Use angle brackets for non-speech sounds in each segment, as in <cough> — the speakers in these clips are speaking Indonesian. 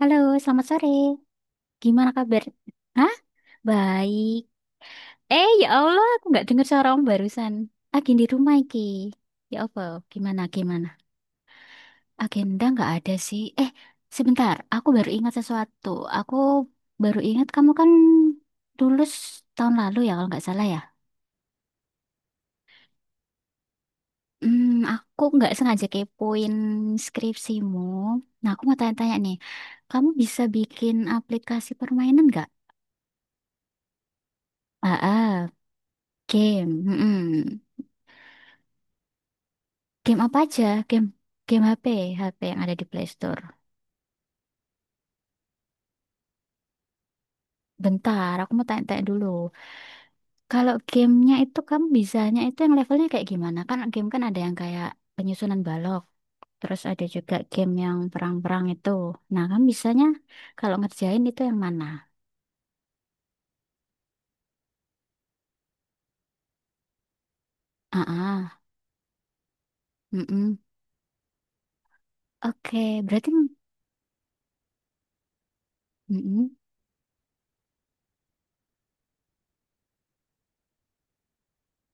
Halo, selamat sore. Gimana kabar? Hah? Baik. Ya Allah, aku nggak dengar suara om barusan. Agen di rumah iki. Ya Allah, gimana, gimana? Agenda nggak ada sih. Sebentar. Aku baru ingat sesuatu. Aku baru ingat kamu kan lulus tahun lalu ya, kalau nggak salah ya. Aku nggak sengaja kepoin skripsimu. Nah, aku mau tanya-tanya nih. Kamu bisa bikin aplikasi permainan nggak? Ah, ah, game. Mm-mm. Game apa aja? Game game HP, HP yang ada di Play Store. Bentar, aku mau tanya-tanya dulu. Kalau gamenya itu kamu bisanya itu yang levelnya kayak gimana? Kan game kan ada yang kayak penyusunan balok, terus ada juga game yang perang-perang itu. Nah, kamu bisanya kalau ngerjain itu yang mana? Ah, ah, mm-mm. Oke, berarti mm-mm.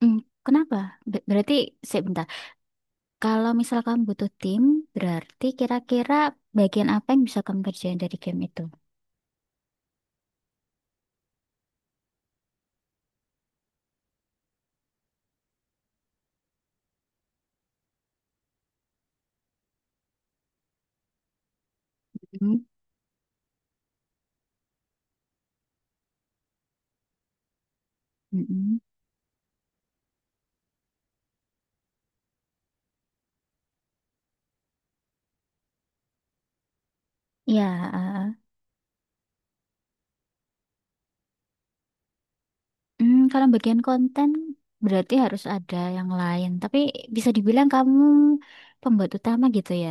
Mm, Kenapa? Berarti sebentar. Kalau misal kamu butuh tim, berarti kira-kira bagian apa yang bisa kamu kerjain dari game itu? Mm-mm. Ya, eh, eh. Hmm, kalau bagian konten berarti harus ada yang lain. Tapi bisa dibilang kamu pembuat utama gitu ya.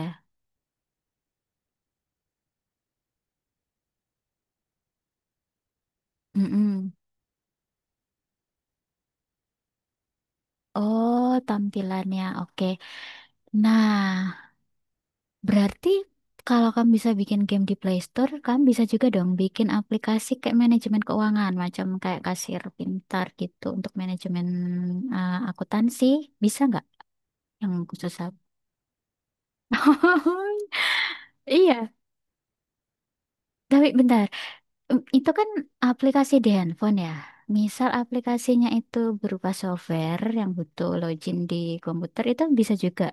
Mm-mm. Oh, tampilannya oke. Nah, berarti kalau kamu bisa bikin game di Play Store, kamu bisa juga dong bikin aplikasi kayak manajemen keuangan, macam kayak kasir pintar gitu untuk manajemen akuntansi. Bisa nggak yang khusus? Apa? <laughs> Iya, tapi bentar. Itu kan aplikasi di handphone ya. Misal aplikasinya itu berupa software yang butuh login di komputer itu bisa juga.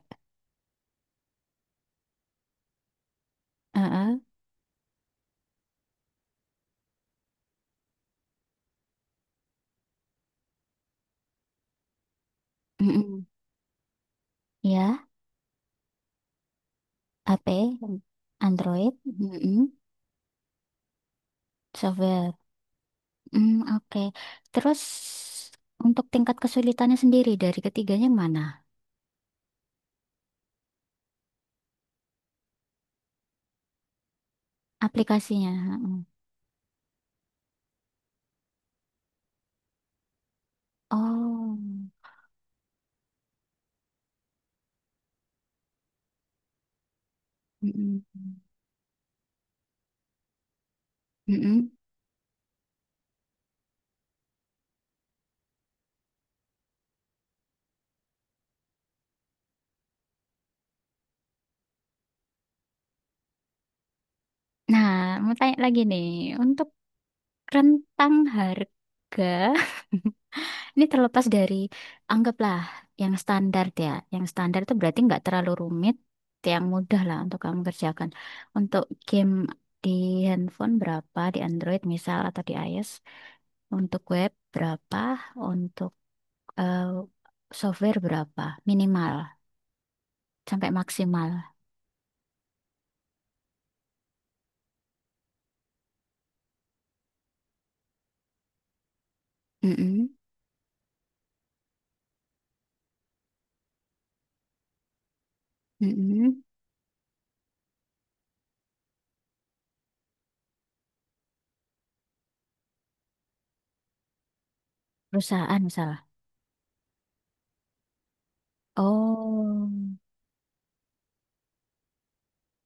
Heeh. Mm-mm. Ya, HP, Android, mm-mm. Software. Mm, oke. Terus untuk tingkat kesulitannya sendiri dari ketiganya mana? Aplikasinya. Heeh. Oh. Mm-mm. Mm-mm. Nah, mau tanya lagi nih, untuk rentang harga ini terlepas dari anggaplah yang standar ya. Yang standar itu berarti nggak terlalu rumit, yang mudah lah untuk kamu kerjakan. Untuk game di handphone berapa, di Android misal atau di iOS, untuk web berapa, untuk eh, software berapa, minimal sampai maksimal. Mm-mm, mm-mm. Perusahaan misal. Oh,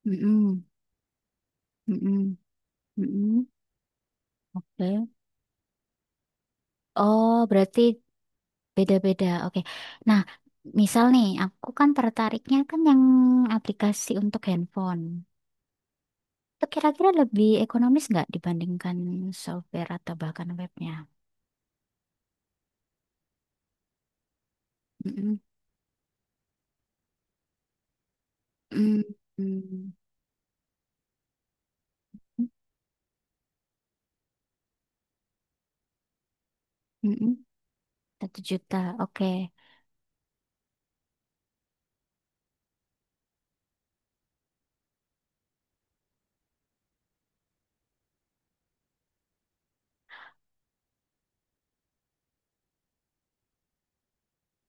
mm-mm, mm-mm, mm-mm. Oke. Oh, berarti beda-beda, oke. Nah, misal nih, aku kan tertariknya kan yang aplikasi untuk handphone. Itu kira-kira lebih ekonomis nggak dibandingkan software atau bahkan webnya? Mm-mm. Mm, mm, mm mm mm. Satu juta, oke.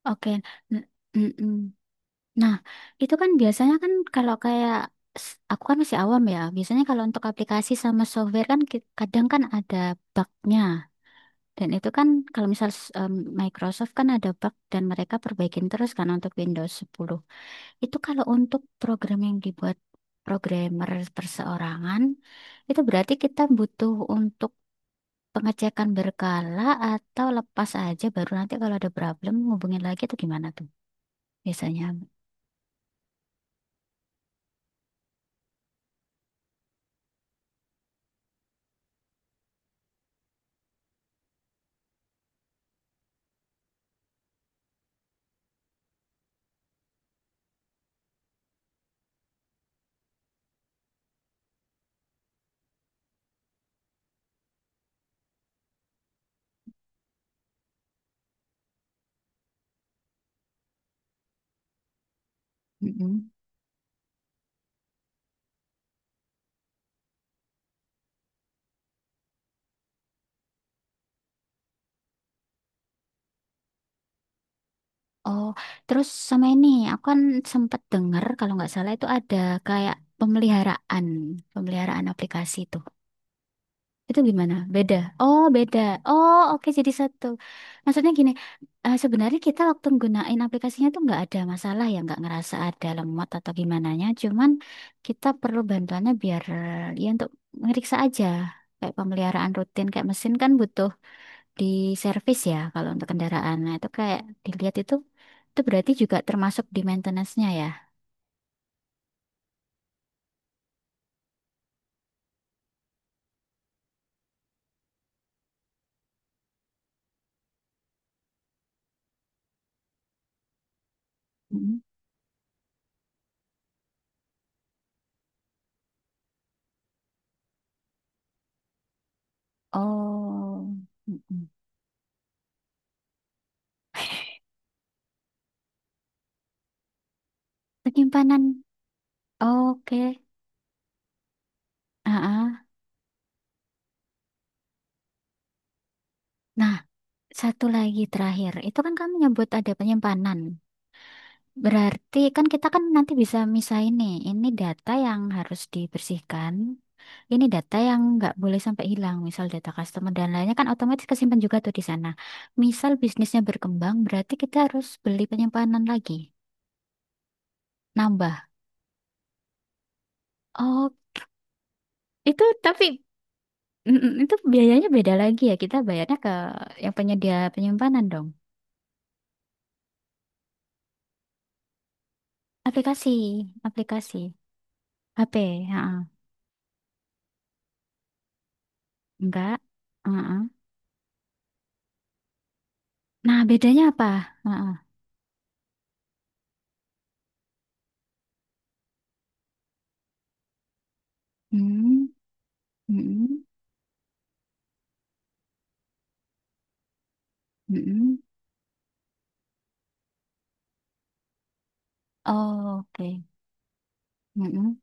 Oke. N- mm-mm. Nah, itu kan biasanya kan kalau kayak aku kan masih awam ya. Biasanya kalau untuk aplikasi sama software kan kadang kan ada bugnya. Dan itu kan kalau misal em, Microsoft kan ada bug dan mereka perbaikin terus kan untuk Windows 10. Itu kalau untuk program yang dibuat programmer perseorangan, itu berarti kita butuh untuk pengecekan berkala atau lepas aja baru nanti kalau ada problem hubungin lagi atau gimana tuh biasanya. Mm-mm. Oh, terus sama ini aku kan sempat dengar kalau nggak salah itu ada kayak pemeliharaan, pemeliharaan aplikasi itu. Itu gimana? Beda. Oh, beda. Oh, oke jadi satu. Maksudnya gini, sebenarnya kita waktu gunain aplikasinya tuh nggak ada masalah ya, nggak ngerasa ada lemot atau gimananya. Cuman kita perlu bantuannya biar ya untuk ngeriksa aja. Kayak pemeliharaan rutin, kayak mesin kan butuh di servis ya kalau untuk kendaraan. Nah, itu kayak dilihat itu berarti juga termasuk di maintenance-nya ya. Mm. Oh, mm-mm. Penyimpanan. Oke. Ah, ah. Nah. Satu lagi terakhir, itu kan kamu nyebut ada penyimpanan. Berarti kan kita kan nanti bisa misahin nih, ini data yang harus dibersihkan, ini data yang nggak boleh sampai hilang, misal data customer dan lainnya kan otomatis kesimpan juga tuh di sana. Misal bisnisnya berkembang, berarti kita harus beli penyimpanan lagi, nambah. Oh, itu tapi mm, mm, itu biayanya beda lagi ya, kita bayarnya ke yang penyedia penyimpanan dong. Aplikasi, aplikasi, HP, ha-ha. Enggak. Ha. Nah, bedanya apa? Heeh. Hmm, mm-mm, mm-mm. Oh, oke. Mm-mm,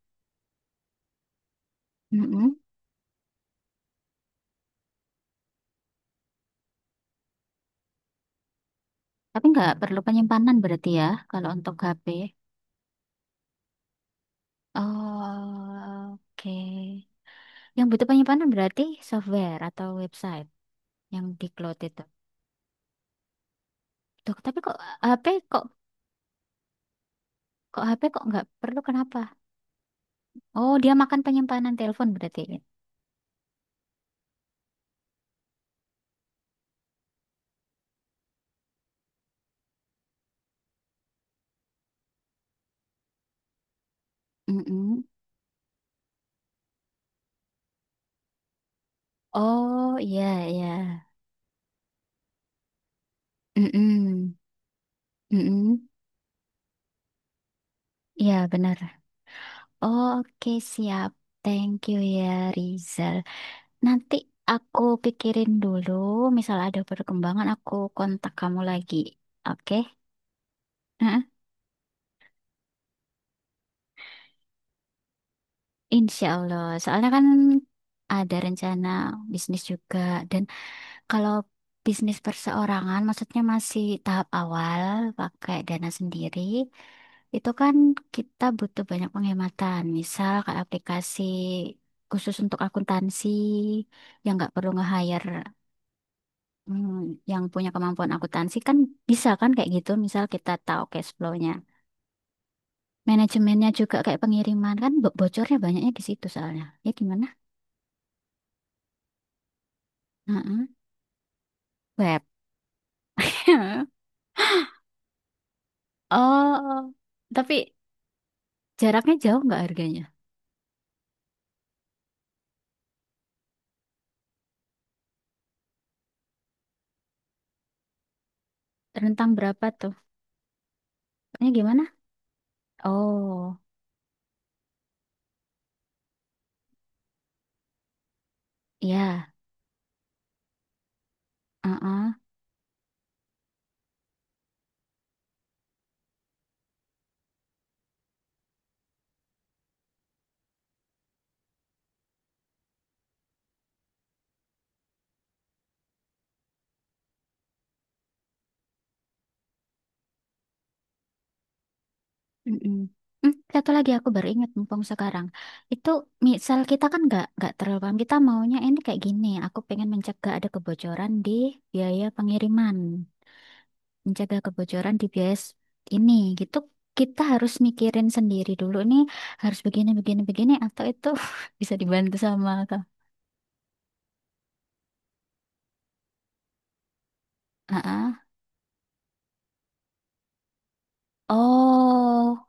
mm-mm. Tapi nggak perlu penyimpanan berarti ya kalau untuk HP. Oh, oke. Yang butuh penyimpanan berarti software atau website yang di cloud itu. Tuh, tapi kok HP kok kok HP kok nggak perlu kenapa? Oh, dia makan penyimpanan telepon berarti. Mm-mm. Oh, iya iya. Mm-mm. Mm-mm. Iya, benar. Oke, siap. Thank you ya, Rizal. Nanti aku pikirin dulu, misal ada perkembangan aku kontak kamu lagi. Oke? Heeh. Insya Allah. Soalnya kan ada rencana bisnis juga. Dan kalau bisnis perseorangan, maksudnya masih tahap awal, pakai dana sendiri, itu kan kita butuh banyak penghematan. Misal kayak aplikasi khusus untuk akuntansi, yang nggak perlu nge-hire hmm, yang punya kemampuan akuntansi kan bisa kan kayak gitu. Misal kita tahu cash flow-nya. Manajemennya juga kayak pengiriman kan bocornya banyaknya di situ soalnya. Ya gimana? Heeh. Web. <laughs> Oh, tapi jaraknya jauh nggak harganya? Rentang berapa tuh? Ini gimana? Oh, ya. Heeh. Mm-mm. Hmm, satu lagi aku baru ingat mumpung sekarang. Itu misal kita kan nggak terlalu paham. Kita maunya ini kayak gini. Aku pengen mencegah ada kebocoran di biaya pengiriman, mencegah kebocoran di bias ini gitu. Kita harus mikirin sendiri dulu nih, harus begini begini begini atau itu <laughs> bisa dibantu sama kak. Heeh. Oh,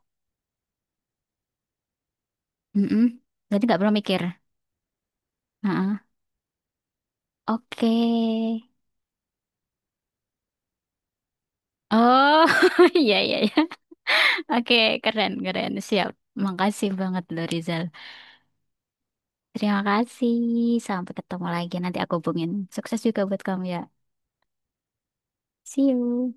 mm, jadi nggak perlu mikir. Heeh. Oke. Oh. <laughs> Iya, iya, iya. Oke, keren keren, siap. Makasih banget loh, Rizal. Terima kasih, sampai ketemu lagi, nanti aku hubungin. Sukses juga buat kamu ya. See you.